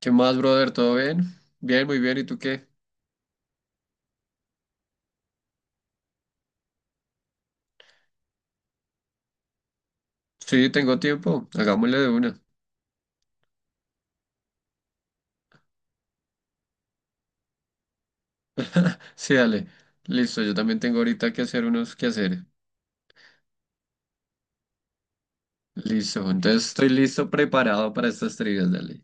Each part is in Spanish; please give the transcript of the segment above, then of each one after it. ¿Qué más, brother? ¿Todo bien? Bien, muy bien. ¿Y tú qué? Sí, tengo tiempo. Hagámosle de una. Sí, dale. Listo, yo también tengo ahorita que hacer unos quehaceres. Listo, entonces estoy listo, preparado para estas trivias, dale.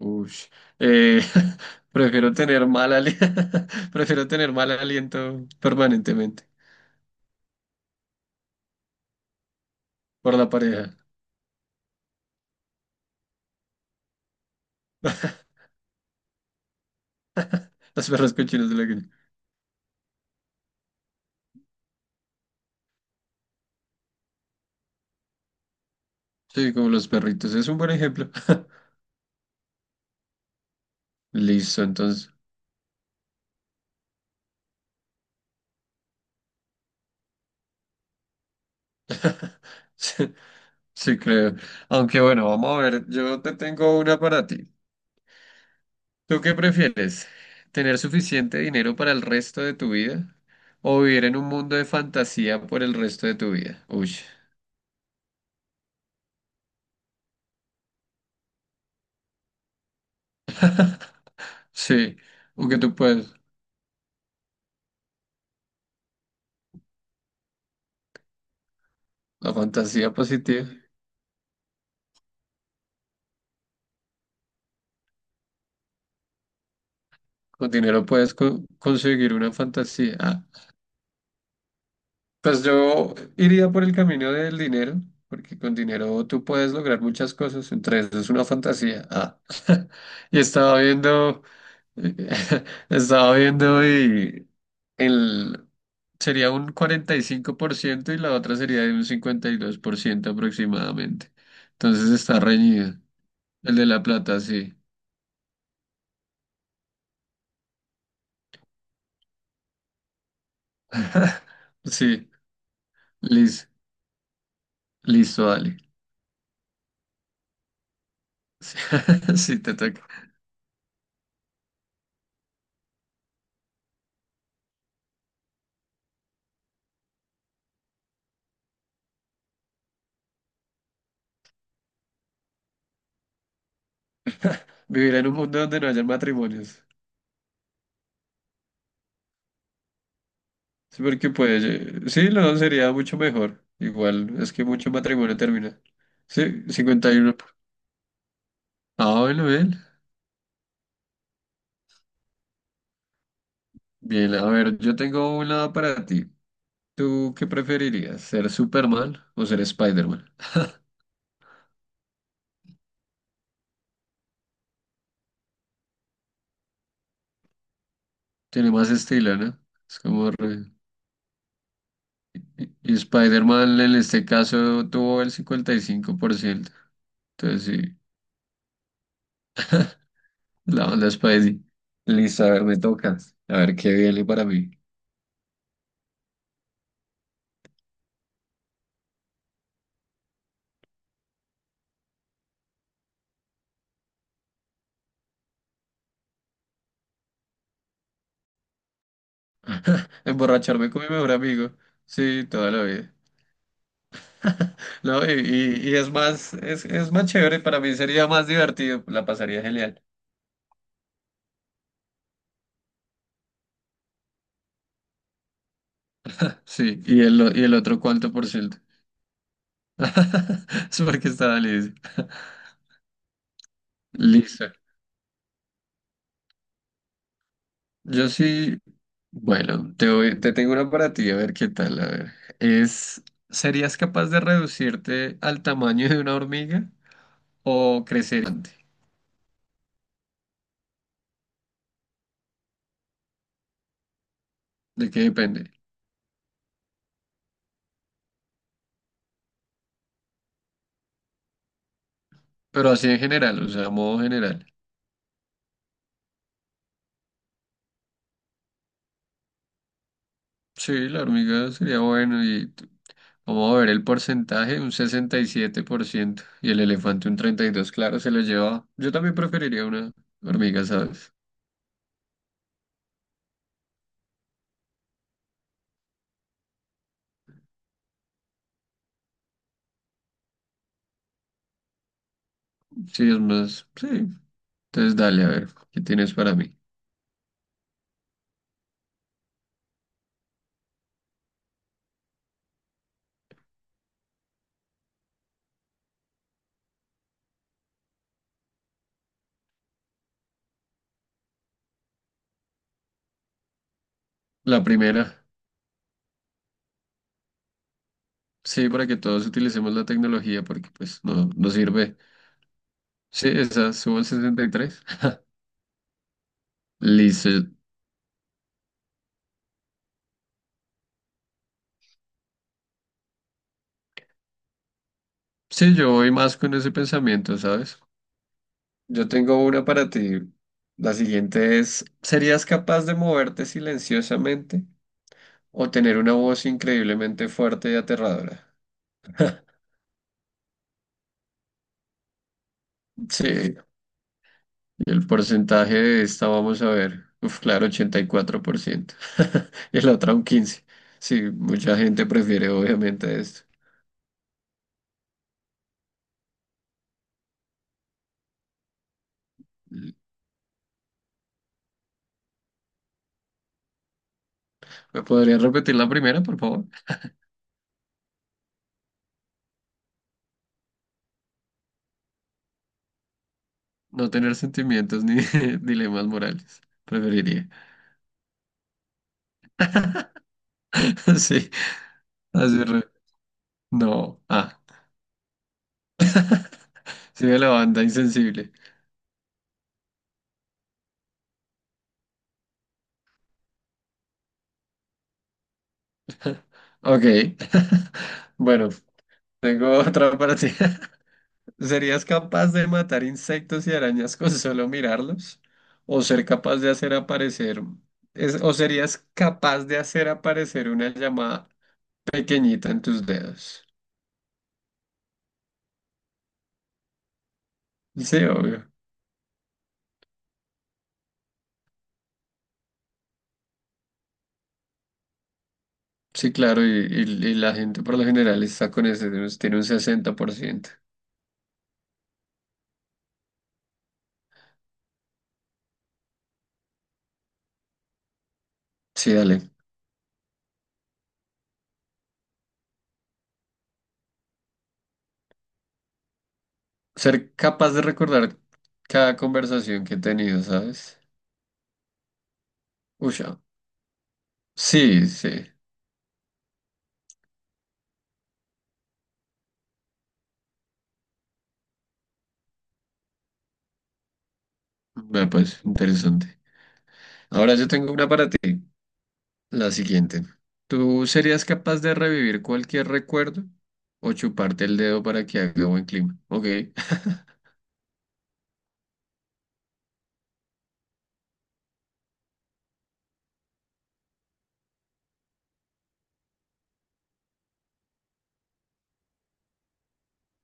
Ush. Eh, prefiero tener prefiero tener mal aliento permanentemente por la pareja. Las perras cochinas de la calle. Sí, como los perritos, es un buen ejemplo. Listo, entonces. Sí, creo. Aunque bueno, vamos a ver, yo te tengo una para ti. ¿Tú qué prefieres? ¿Tener suficiente dinero para el resto de tu vida o vivir en un mundo de fantasía por el resto de tu vida? Uy, sí, aunque tú puedes, la fantasía positiva. Con dinero puedes conseguir una fantasía. Ah. Pues yo iría por el camino del dinero, porque con dinero tú puedes lograr muchas cosas, entre eso es una fantasía. Ah. Y estaba viendo, estaba viendo el, sería un 45% y la otra sería de un 52% aproximadamente. Entonces está reñido. El de la plata, sí. Sí, lis- listo, dale. Sí, te toca. Vivir en un mundo donde no haya matrimonios. Sí, porque pues, sí, no, sería mucho mejor. Igual, es que mucho matrimonio termina. Sí, 51. Ah, bueno, bien. Bien, a ver, yo tengo una para ti. ¿Tú qué preferirías? ¿Ser Superman o ser Spider-Man? Tiene más estilo, ¿no? Es como... Y Spider-Man en este caso tuvo el 55%. Entonces sí, la onda Spidey. Listo, a ver, me toca. A ver, qué viene para mí. Emborracharme con mi mejor amigo. Sí, toda la vida. No, y es más, es más chévere, para mí sería más divertido, la pasaría genial. Sí, y y el otro cuánto por ciento. Es porque estaba listo. Listo. Yo sí, bueno, te tengo una para ti, a ver qué tal, a ver. Es, ¿serías capaz de reducirte al tamaño de una hormiga o crecer gigante? ¿De qué depende? Pero así en general, o sea, a modo general. Sí, la hormiga sería bueno. y Vamos a ver el porcentaje, un 67%. Y siete por ciento y el elefante un 32%. Claro, se lo lleva. Yo también preferiría una hormiga, ¿sabes? Sí, es más. Sí. Entonces dale, a ver, ¿qué tienes para mí? La primera. Sí, para que todos utilicemos la tecnología, porque pues no, no sirve. Sí, esa, subo al 63. Listo. Sí, yo voy más con ese pensamiento, ¿sabes? Yo tengo una para ti. La siguiente es, ¿serías capaz de moverte silenciosamente? ¿O tener una voz increíblemente fuerte y aterradora? Sí, y el porcentaje de esta, vamos a ver. Uf, claro, 84%, y la otra un 15%. Sí, mucha gente prefiere obviamente esto. ¿Me podrías repetir la primera, por favor? No tener sentimientos ni dilemas morales. Preferiría. Sí, así no, ah. Sí, de la banda insensible. Ok. Bueno, tengo otra para ti. ¿Serías capaz de matar insectos y arañas con solo mirarlos? ¿O ser capaz de hacer o serías capaz de hacer aparecer una llamada pequeñita en tus dedos? Sí, obvio. Sí, claro, y la gente por lo general está con ese, tiene un 60%. Sí, dale. Ser capaz de recordar cada conversación que he tenido, ¿sabes? Uy, sí, sí. Bueno, pues interesante. Ahora yo tengo una para ti. La siguiente. ¿Tú serías capaz de revivir cualquier recuerdo o chuparte el dedo para que haga buen clima? Ok,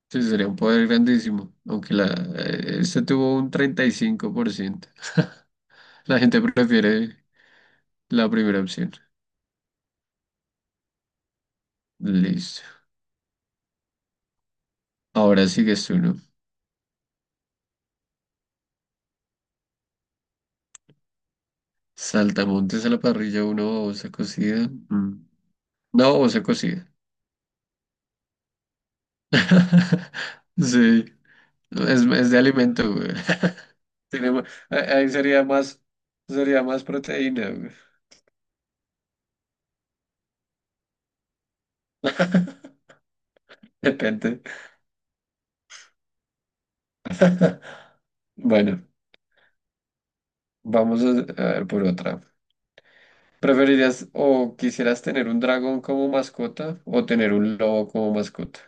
sí, sería un poder grandísimo, aunque este tuvo un 35%. La gente prefiere la primera opción. Listo. Ahora sigues tú, ¿no? Saltamontes a la parrilla, una babosa cocida. Mm. Una babosa cocida. Sí, es de alimento, güey. Tiene ma- ahí sería más proteína, güey. Depende. Bueno, vamos a ver por otra. ¿Preferirías o quisieras tener un dragón como mascota o tener un lobo como mascota?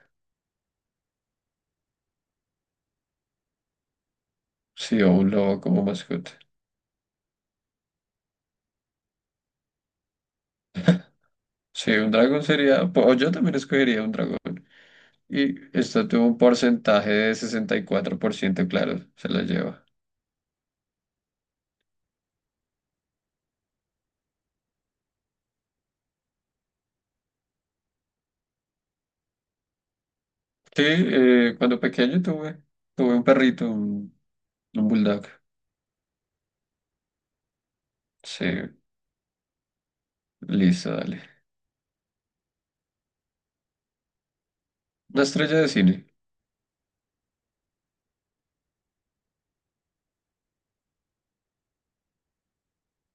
Sí, o un lobo como mascota. Sí, un dragón sería, o yo también escogería un dragón. Y esto tuvo un porcentaje de 64%, claro, se la lleva. Sí, cuando pequeño tuve un perrito, un bulldog. Sí, listo, dale. Una estrella de cine.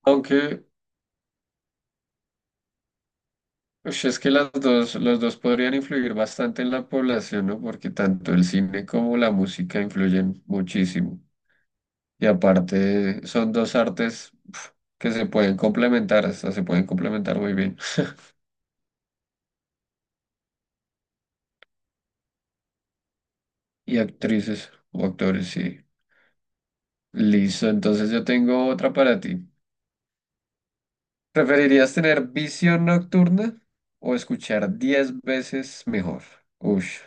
Aunque ush, es que los dos podrían influir bastante en la población, ¿no? Porque tanto el cine como la música influyen muchísimo. Y aparte son dos artes pf, que se pueden complementar, hasta se pueden complementar muy bien. Y actrices o actores, sí. Listo, entonces yo tengo otra para ti. ¿Preferirías tener visión nocturna o escuchar 10 veces mejor? Ush,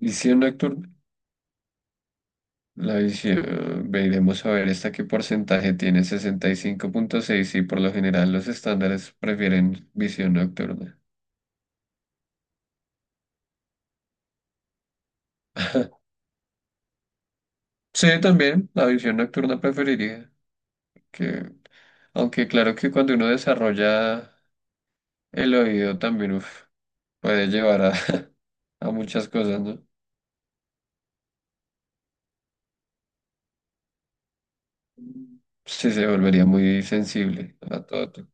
visión nocturna. La visión, veremos a ver esta qué porcentaje tiene, 65.6 y cinco punto seis, y por lo general los estándares prefieren visión nocturna. Sí, también la visión nocturna preferiría, que aunque claro que cuando uno desarrolla el oído también uf, puede llevar a, a muchas cosas, ¿no? Sí, se volvería muy sensible a todo tipo.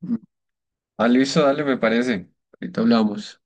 Mm. Ah, listo, dale, me parece. Ahorita hablamos.